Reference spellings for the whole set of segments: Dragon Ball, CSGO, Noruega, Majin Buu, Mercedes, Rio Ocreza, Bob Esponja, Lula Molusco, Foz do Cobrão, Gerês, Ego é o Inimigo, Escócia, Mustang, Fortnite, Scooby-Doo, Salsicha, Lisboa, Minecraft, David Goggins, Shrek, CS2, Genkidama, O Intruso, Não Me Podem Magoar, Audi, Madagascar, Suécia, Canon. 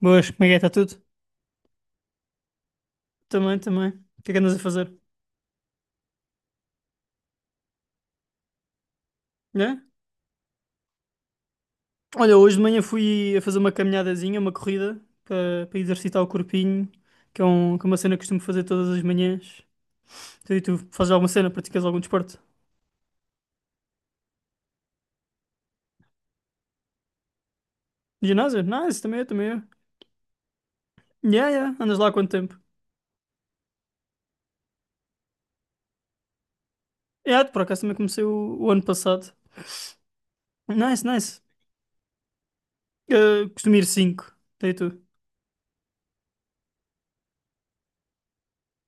Boas, como é que é? Está tudo? Também, também. O que é que andas a fazer? Né? Olha, hoje de manhã fui a fazer uma caminhadazinha, uma corrida, para exercitar o corpinho, que é uma cena que costumo fazer todas as manhãs. E tu fazes alguma cena, praticas algum desporto? Ginásio? Nice, também eu, também eu. Yeah, yeah, andas lá há quanto tempo? Yeah, por acaso também comecei o ano passado. Nice, nice. Costumo ir 5, tu e tu.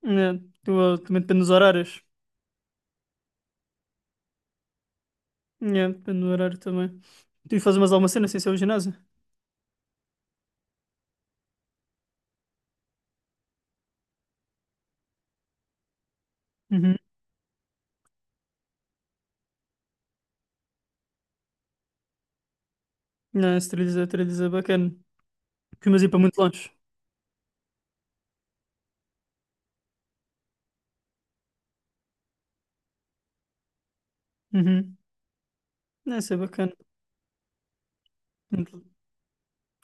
Yeah, também depende dos horários. Yeah, depende do horário também. Tu fazes mais alguma cena sem ser o ginásio? Uhum. Não, esse 3 é 3 é bacana. Costumas ir para muito longe. Uhum. Não, isso é bacana. Muito-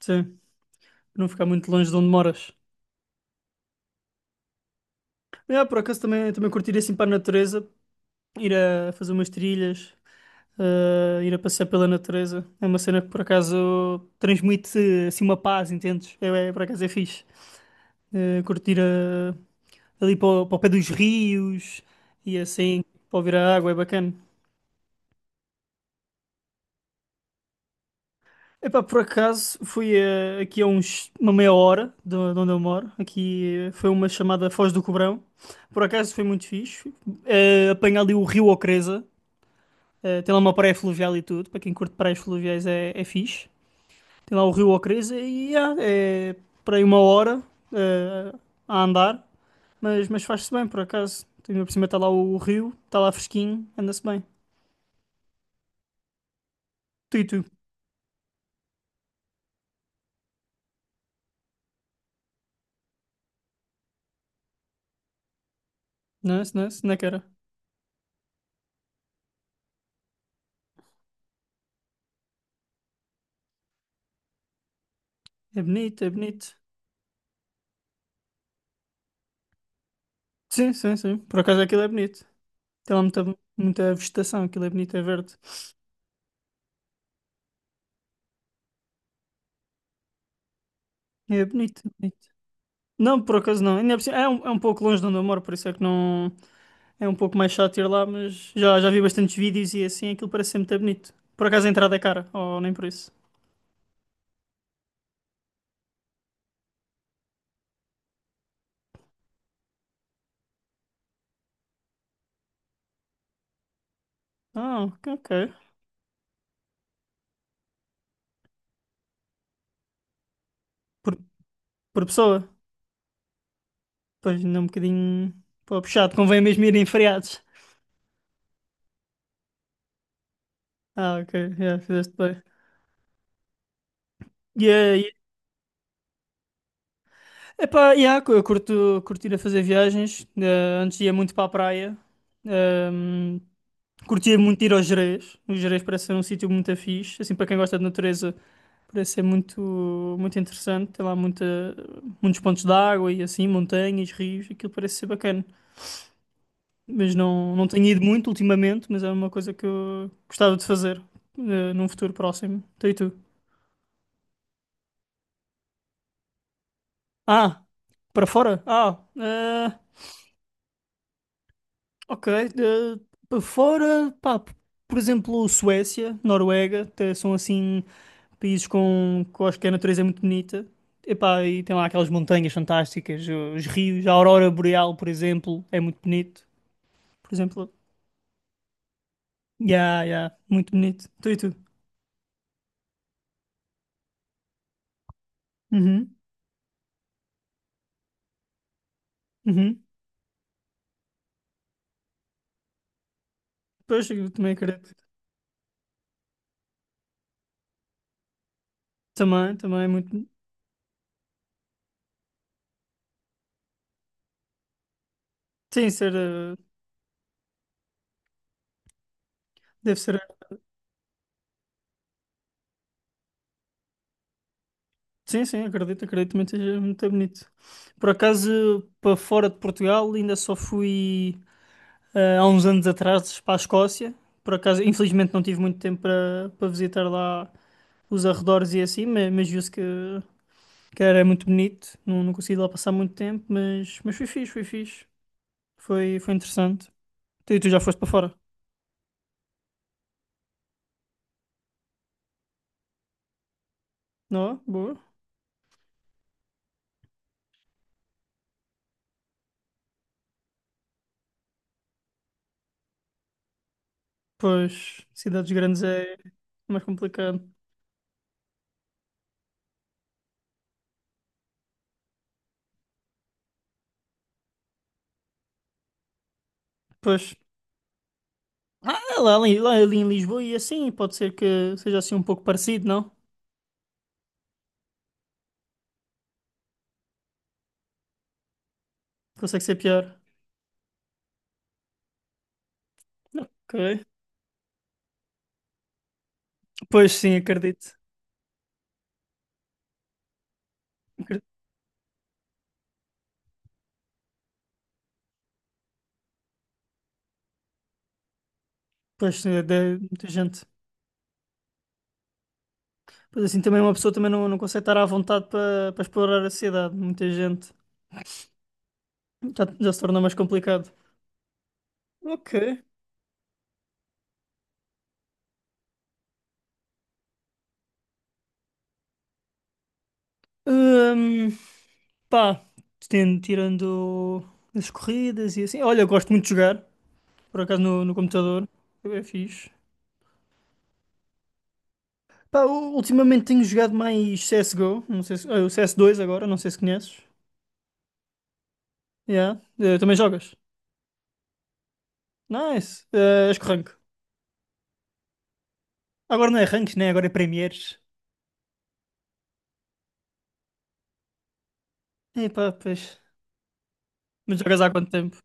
Sim, não ficar muito longe de onde moras. Mas, por acaso também curtir ir assim para a natureza, ir a fazer umas trilhas, ir a passear pela natureza. É uma cena que por acaso transmite assim uma paz, entendes? É, por acaso é fixe. Ah, curtir ali para o pé dos rios e assim, para ouvir a água, é bacana. Epá, por acaso fui aqui uma meia hora de onde eu moro. Aqui foi uma chamada Foz do Cobrão. Por acaso foi muito fixe. Apanhei ali o Rio Ocreza. Tem lá uma praia fluvial e tudo. Para quem curte praias fluviais é fixe. Tem lá o Rio Ocreza e é para aí uma hora eh, a andar. Mas faz-se bem, por acaso. Tem por cima, está lá o rio, está lá fresquinho, anda-se bem. Tu e tu. Não é? Não é? Não é que era? É bonito, é bonito. Sim, sim, sim. Por acaso aquilo é bonito. Tem lá muita, muita vegetação, aquilo é bonito, é verde. É bonito, é bonito. Não, por acaso não. Ainda por cima- é um pouco longe de onde eu moro, por isso é que não. É um pouco mais chato ir lá, mas já vi bastantes vídeos e assim, aquilo parece ser muito bonito. Por acaso a entrada é cara, ou nem por isso. Ah, ok, ok. Por, por pessoa? Pois ainda é um bocadinho. Pô, puxado, convém mesmo ir em feriados. Ah, ok, já fizeste bem. Yeah, yeah. Epá, yeah, eu curto ir a fazer viagens. Antes ia muito para a praia. Ehm, Curtia muito ir aos Gerês. Os Gerês parece ser um sítio muito fixe. Assim, para quem gosta de natureza, parece ser muito, muito interessante. Tem lá muitos pontos de água e assim, montanhas, rios. Aquilo parece ser bacana. Mas não tenho ido muito ultimamente, mas é uma coisa que eu gostava de fazer num futuro próximo. Então, e tu? Ah, para fora? Ok. eh, Para fora, pá, por exemplo, Suécia, Noruega, até são assim. Países que eu acho que a natureza é muito bonita. Epá, e tem lá aquelas montanhas fantásticas, os rios, a aurora boreal, por exemplo, é muito bonito. Por exemplo, yeah, yeah, muito bonito. Tu e tu? Uhum, uhum. Pois, eu também acredito. Também, também é muito. Sim, deve ser. Sim, sim, acredito também que seja muito bonito. Por acaso, para fora de Portugal, ainda só fui há uns anos atrás para a Escócia. Por acaso, infelizmente, não tive muito tempo para visitar lá os arredores e assim, mas, viu-se que era muito bonito. Não consegui lá passar muito tempo, mas foi fixe, foi fixe. Foi interessante. Tu já foste para fora? Não? É? Boa. Pois, cidades grandes é mais complicado. Pois, lá ali em Lisboa e assim, pode ser que seja assim um pouco parecido, não? Consegue ser pior. Ok. Pois sim, acredito. Acre- Pois sim, é de muita gente. Pois assim, também uma pessoa também não consegue estar à vontade para explorar a cidade. Muita gente. Já se tornou mais complicado. Ok. Hum, Pá, tirando as corridas e assim. Olha, eu gosto muito de jogar, por acaso no computador. É fixe. Pá, ultimamente tenho jogado mais CSGO, não sei se, o CS2 agora, não sei se conheces. Yeah. Também jogas? Nice. És que rank? Agora não é ranks, né? Agora é Premiers. E pois. Mas jogas há quanto tempo?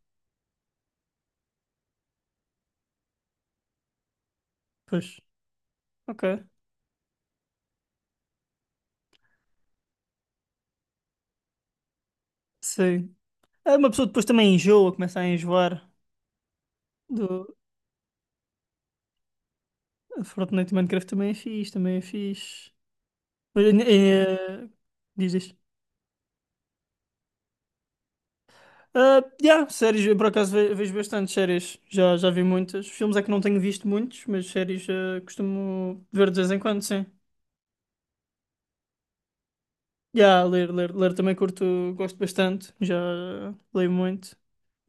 Pois. Ok. Sim. Ah, uma pessoa depois também enjoa, começa a enjoar. Fortnite e Minecraft também é fixe, também é fixe. Eh, eh, Diz isto. Ah, yeah, séries, eu por acaso vejo bastante séries, já vi muitas. Filmes é que não tenho visto muitos, mas séries costumo ver de vez em quando, sim. Yeah, ler também curto, gosto bastante, já leio muito.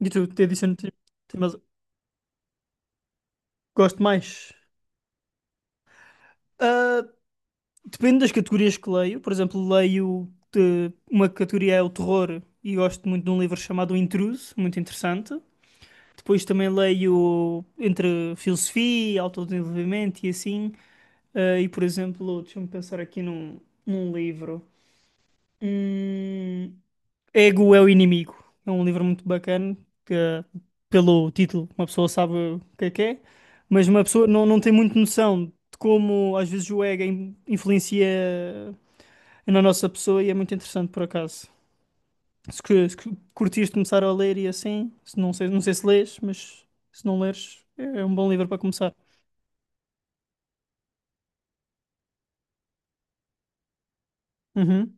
E tu, te disse, mas gosto mais. Ah, depende das categorias que leio, por exemplo, uma categoria é o terror e gosto muito de um livro chamado O Intruso, muito interessante. Depois também leio entre filosofia, autodesenvolvimento e assim. Ah, e, por exemplo, deixa-me pensar aqui num livro. Hum, Ego é o Inimigo. É um livro muito bacana, que pelo título uma pessoa sabe o que é, mas uma pessoa não tem muito noção de como às vezes o ego influencia na nossa pessoa e é muito interessante por acaso. Se curtires começar a ler e assim, se não sei, não sei se lês, mas se não leres, é um bom livro para começar. Uhum.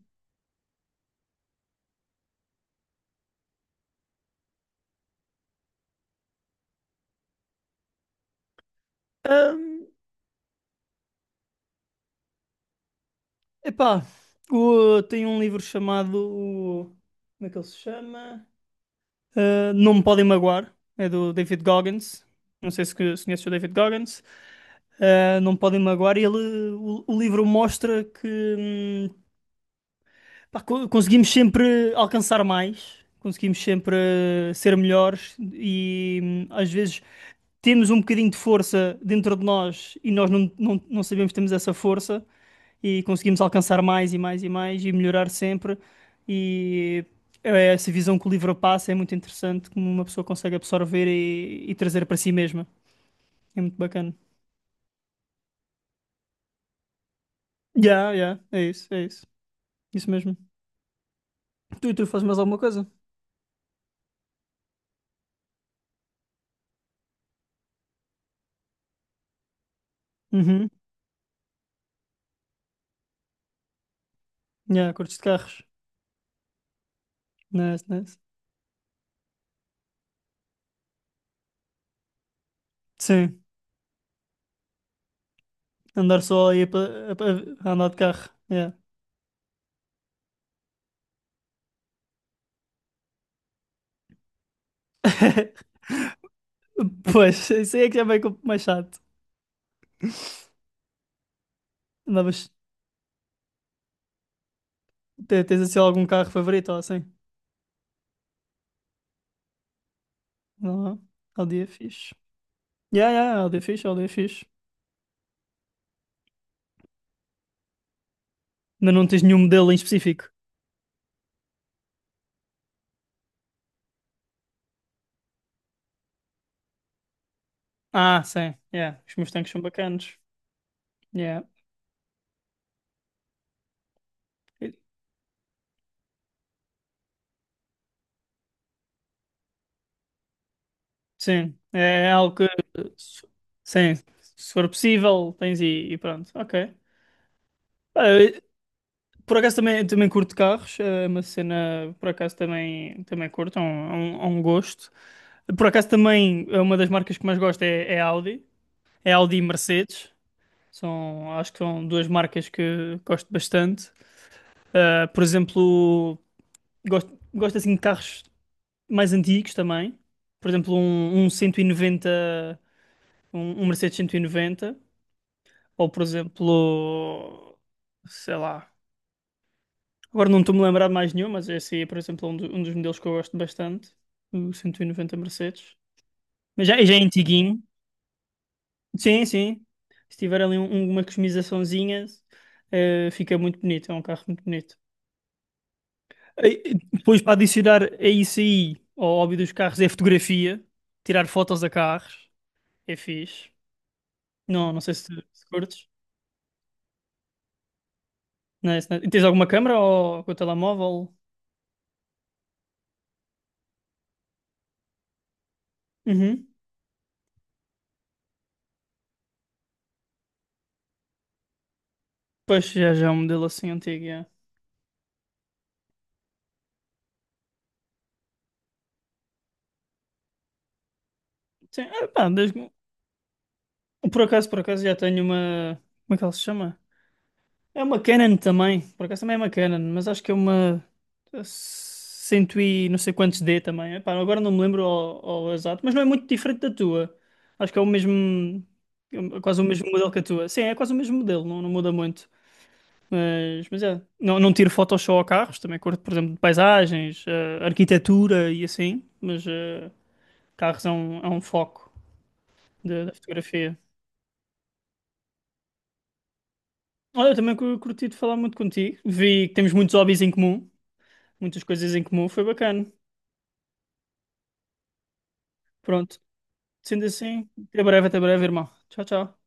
Ahm, Epá, tem um livro chamado. Como é que ele se chama? Ah, Não Me Podem Magoar. É do David Goggins. Não sei se conheces o David Goggins. Ah, Não Me Podem Magoar. E ele, o livro mostra que. hum, Pá, conseguimos sempre alcançar mais, conseguimos sempre ser melhores e às vezes temos um bocadinho de força dentro de nós e nós não sabemos que temos essa força e conseguimos alcançar mais e mais e mais e melhorar sempre. E essa visão que o livro passa é muito interessante, como uma pessoa consegue absorver e trazer para si mesma. É muito bacana. Yeah, yeah, é isso, é isso. Isso mesmo. Tu e tu fazes mais alguma coisa? Uhum. Yeah, curtes de carros. Nice, nice. Sim, andar só aí a andar de carro. Yeah. Pois, isso aí é que já vem mais chato. Andavas, tens assim algum carro favorito ou assim? Não, Audi é fixe. Yeah, yeah, Audi é fixe, Audi é fixe. Mas não tens nenhum modelo em específico. Ah, sim, yeah. Os Mustangs são bacanos. Yeah. Sim, é algo que, se- sim, se for possível, tens e pronto. Ok. Por acaso também curto carros, é uma cena, por acaso também curto, é um gosto. Por acaso também, é uma das marcas que mais gosto é Audi, é Audi e Mercedes, acho que são duas marcas que gosto bastante. Ah, por exemplo, gosto assim de carros mais antigos também, por exemplo um 190, um Mercedes 190 ou por exemplo, sei lá, agora não estou-me a lembrar de mais nenhum, mas esse aí é, por exemplo, um dos modelos que eu gosto bastante, o 190 Mercedes. Mas já é antiguinho. Sim, sim. Se tiver ali uma customizaçãozinha, fica muito bonito, é um carro muito bonito. E- Depois, para adicionar a isso aí, ao hobby dos carros, é fotografia. Tirar fotos a carros, é fixe. Não, não sei se curtes. Não é, se não- é? E tens alguma câmera ou com o telemóvel? Uhum. Pois já é um modelo assim antigo, já. Sim, pá, Por acaso já tenho uma. Como é que ela se chama? É uma Canon também. Por acaso também é uma Canon, mas acho que é uma. Cento e não sei quantos D também. Epá, agora não me lembro ao exato, mas não é muito diferente da tua. Acho que é o mesmo. É quase o mesmo modelo que a tua. Sim, é quase o mesmo modelo, não, não muda muito. Mas é. Não, não tiro fotos só a carros, também curto, por exemplo, de paisagens, arquitetura e assim. Mas carros é um foco da fotografia. Olha, eu também curti de falar muito contigo. Vi que temos muitos hobbies em comum, muitas coisas em comum, foi bacana. Pronto, sendo assim, até breve, irmão. Tchau, tchau.